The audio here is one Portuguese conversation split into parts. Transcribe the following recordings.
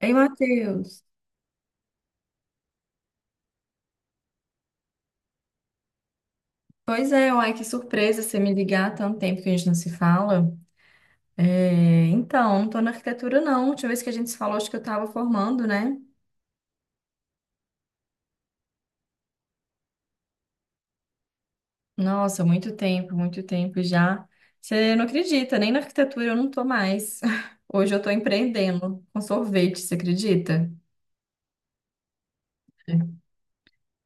Ei, Matheus. Pois é, uai, que surpresa você me ligar há tanto tempo que a gente não se fala. É, então, não tô na arquitetura, não. A última vez que a gente se falou, acho que eu tava formando, né? Nossa, muito tempo já. Você não acredita, nem na arquitetura eu não tô mais. Hoje eu tô empreendendo com sorvete, você acredita?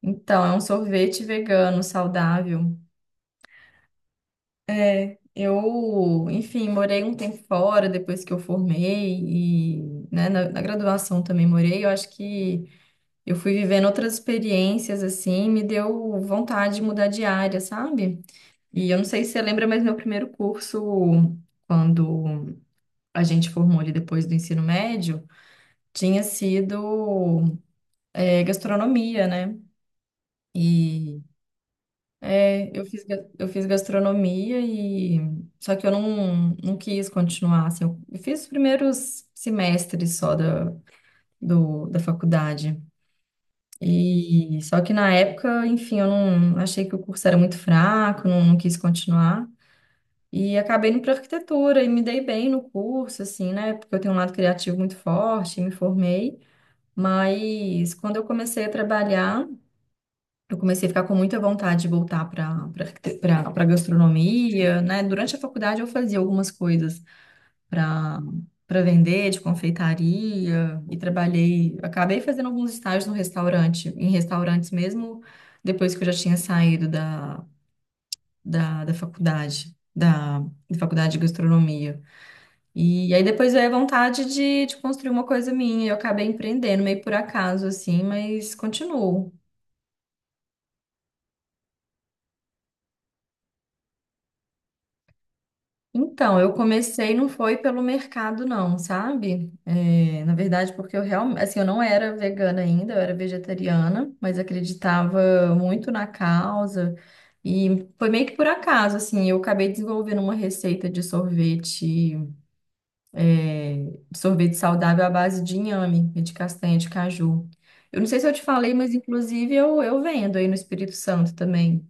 Então, é um sorvete vegano, saudável. É, eu, enfim, morei um tempo fora depois que eu formei e, né, na graduação também morei. Eu acho que eu fui vivendo outras experiências assim, me deu vontade de mudar de área, sabe? E eu não sei se você lembra, mas meu primeiro curso, quando a gente formou ali depois do ensino médio, tinha sido, é, gastronomia, né? É, eu fiz, eu fiz gastronomia e só que eu não quis continuar, assim, eu fiz os primeiros semestres só da, da faculdade. E só que na época, enfim, eu não achei que o curso era muito fraco, não, não quis continuar. E acabei indo para arquitetura e me dei bem no curso, assim, né? Porque eu tenho um lado criativo muito forte, me formei. Mas quando eu comecei a trabalhar, eu comecei a ficar com muita vontade de voltar para gastronomia, né? Durante a faculdade eu fazia algumas coisas para para vender de confeitaria e trabalhei, acabei fazendo alguns estágios no restaurante, em restaurantes mesmo depois que eu já tinha saído da, da faculdade, da faculdade de gastronomia. E aí depois veio a vontade de construir uma coisa minha, eu acabei empreendendo meio por acaso assim, mas continuo. Então, eu comecei, não foi pelo mercado, não, sabe? É, na verdade, porque eu realmente, assim, eu não era vegana ainda, eu era vegetariana, mas acreditava muito na causa. E foi meio que por acaso, assim, eu acabei desenvolvendo uma receita de sorvete, é, sorvete saudável à base de inhame e de castanha de caju. Eu não sei se eu te falei, mas inclusive eu vendo aí no Espírito Santo também.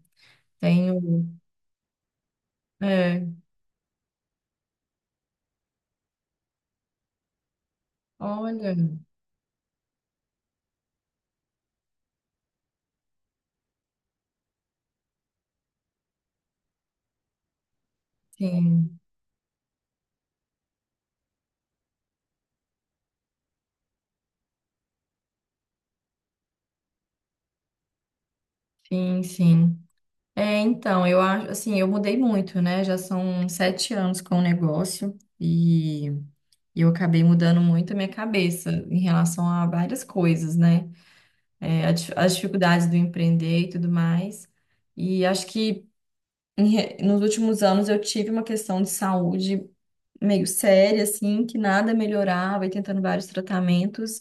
Tenho, é, olha, sim, sim, sim. É, então, eu acho, assim, eu mudei muito, né? Já são 7 anos com o negócio e eu acabei mudando muito a minha cabeça em relação a várias coisas, né? É, as dificuldades do empreender e tudo mais. E acho que nos últimos anos eu tive uma questão de saúde meio séria, assim, que nada melhorava e tentando vários tratamentos.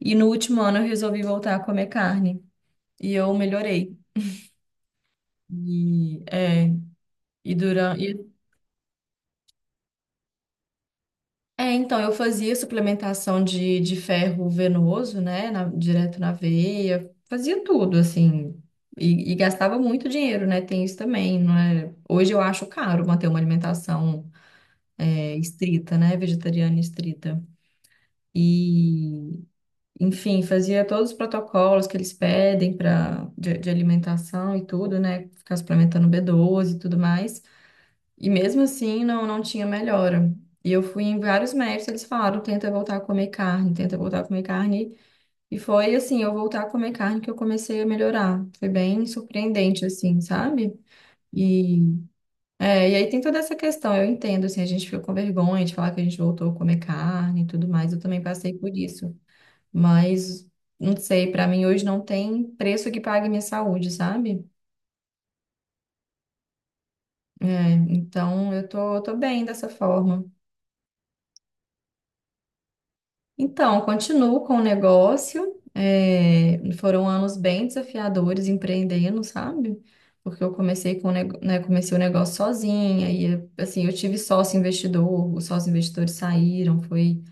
E no último ano eu resolvi voltar a comer carne e eu melhorei. E, é, e durante, É, então, eu fazia suplementação de ferro venoso, né, direto na veia, fazia tudo, assim, e gastava muito dinheiro, né, tem isso também, não é? Hoje eu acho caro manter uma alimentação é, estrita, né, vegetariana estrita. E, enfim, fazia todos os protocolos que eles pedem para de alimentação e tudo, né, ficar suplementando B12 e tudo mais. E mesmo assim não, não tinha melhora. E eu fui em vários médicos, eles falaram, tenta voltar a comer carne, tenta voltar a comer carne. E foi assim, eu voltar a comer carne que eu comecei a melhorar. Foi bem surpreendente, assim, sabe? E, é, e aí tem toda essa questão, eu entendo, assim, a gente fica com vergonha de falar que a gente voltou a comer carne e tudo mais, eu também passei por isso. Mas, não sei, pra mim hoje não tem preço que pague minha saúde, sabe? É, eu tô bem dessa forma. Então, continuo com o negócio. É, foram anos bem desafiadores empreendendo, sabe? Porque eu comecei com, né, comecei o negócio sozinha e assim, eu tive sócio investidor, os sócios investidores saíram,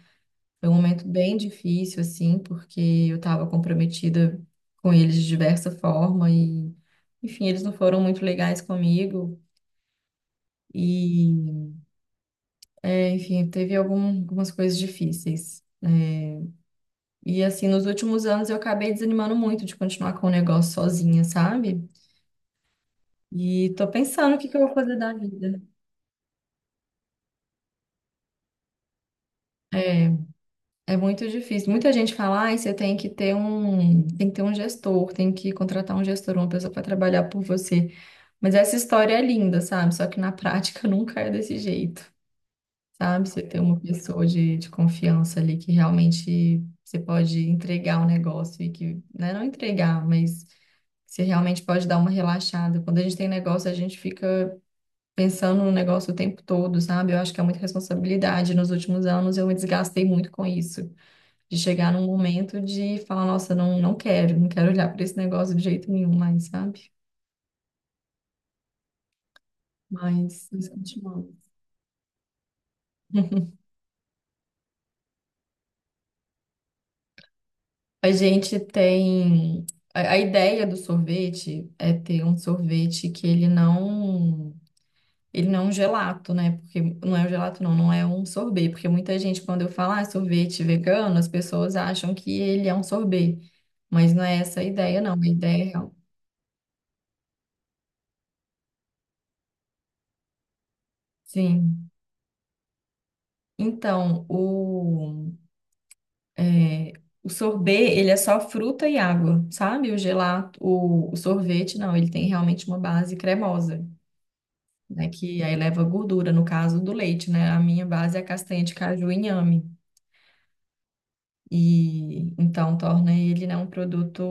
foi um momento bem difícil assim, porque eu estava comprometida com eles de diversa forma e enfim, eles não foram muito legais comigo e é, enfim, teve algumas coisas difíceis. É, e assim, nos últimos anos eu acabei desanimando muito de continuar com o negócio sozinha, sabe? E tô pensando o que que eu vou fazer da vida. É, é muito difícil. Muita gente fala, ai, você tem que ter um, tem que ter um gestor, tem que contratar um gestor, uma pessoa para trabalhar por você. Mas essa história é linda, sabe? Só que na prática nunca é desse jeito, sabe? Você ter uma pessoa de confiança ali que realmente você pode entregar o negócio e que, né, não entregar, mas você realmente pode dar uma relaxada. Quando a gente tem negócio, a gente fica pensando no negócio o tempo todo, sabe? Eu acho que é muita responsabilidade. Nos últimos anos, eu me desgastei muito com isso. De chegar num momento de falar, nossa, não, não quero, não quero olhar para esse negócio de jeito nenhum mais, sabe? Mas isso continua. A gente tem. A ideia do sorvete é ter um sorvete que ele não. Ele não é um gelato, né? Porque não é um gelato, não, não é um sorbet. Porque muita gente, quando eu falo ah, sorvete vegano, as pessoas acham que ele é um sorbet. Mas não é essa a ideia, não. A ideia é. Real- Sim. Então, o, é, o sorbet, ele é só fruta e água, sabe? O gelato, o sorvete, não, ele tem realmente uma base cremosa, né? Que aí leva gordura, no caso do leite, né? A minha base é a castanha de caju e inhame. E então torna ele, né, um produto,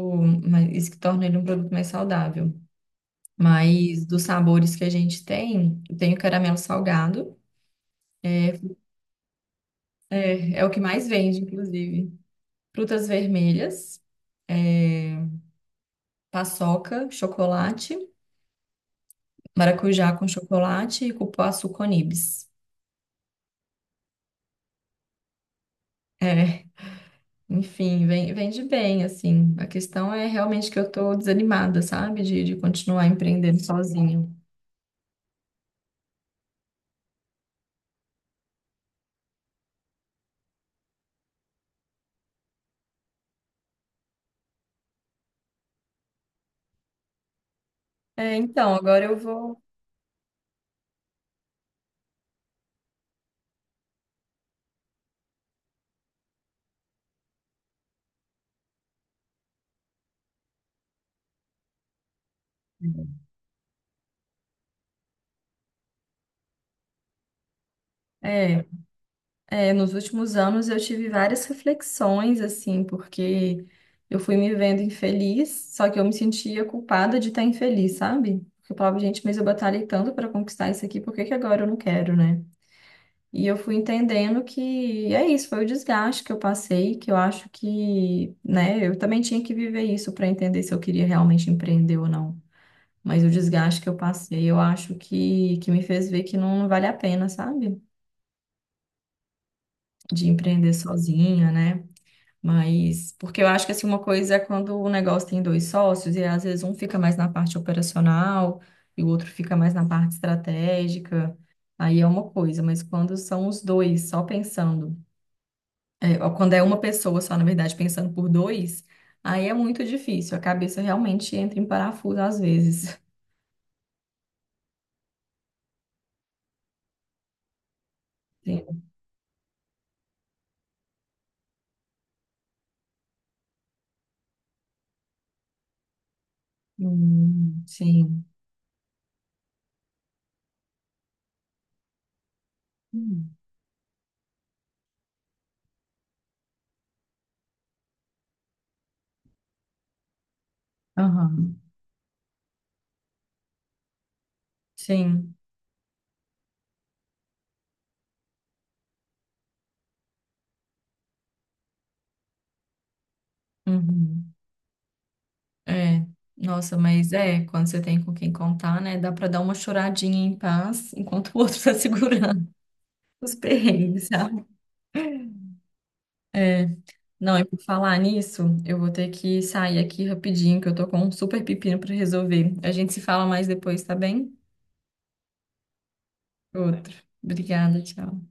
isso que torna ele um produto mais saudável. Mas dos sabores que a gente tem, tem o caramelo salgado, é, é o que mais vende, inclusive. Frutas vermelhas, paçoca, chocolate, maracujá com chocolate e cupuaçu com nibs. É, enfim, vende bem, assim. A questão é realmente que eu tô desanimada, sabe, de continuar empreendendo sozinho. É, então, agora eu vou. É, é, nos últimos anos eu tive várias reflexões, assim, porque eu fui me vendo infeliz, só que eu me sentia culpada de estar infeliz, sabe? Porque eu falava, gente, mas eu batalhei tanto para conquistar isso aqui, por que que agora eu não quero, né? E eu fui entendendo que é isso, foi o desgaste que eu passei, que eu acho que, né, eu também tinha que viver isso para entender se eu queria realmente empreender ou não. Mas o desgaste que eu passei, eu acho que me fez ver que não vale a pena, sabe? De empreender sozinha, né? Mas, porque eu acho que assim, uma coisa é quando o negócio tem dois sócios, e às vezes um fica mais na parte operacional e o outro fica mais na parte estratégica, aí é uma coisa, mas quando são os dois só pensando, é, ou quando é uma pessoa só, na verdade, pensando por dois, aí é muito difícil, a cabeça realmente entra em parafuso às vezes. Sim. Sim. Hum. Aham. Sim. Uhum. É, nossa, mas é, quando você tem com quem contar, né, dá pra dar uma choradinha em paz enquanto o outro tá segurando os perrengues, sabe? É, não, e por falar nisso, eu vou ter que sair aqui rapidinho, que eu tô com um super pepino pra resolver. A gente se fala mais depois, tá bem? Outro. Obrigada, tchau.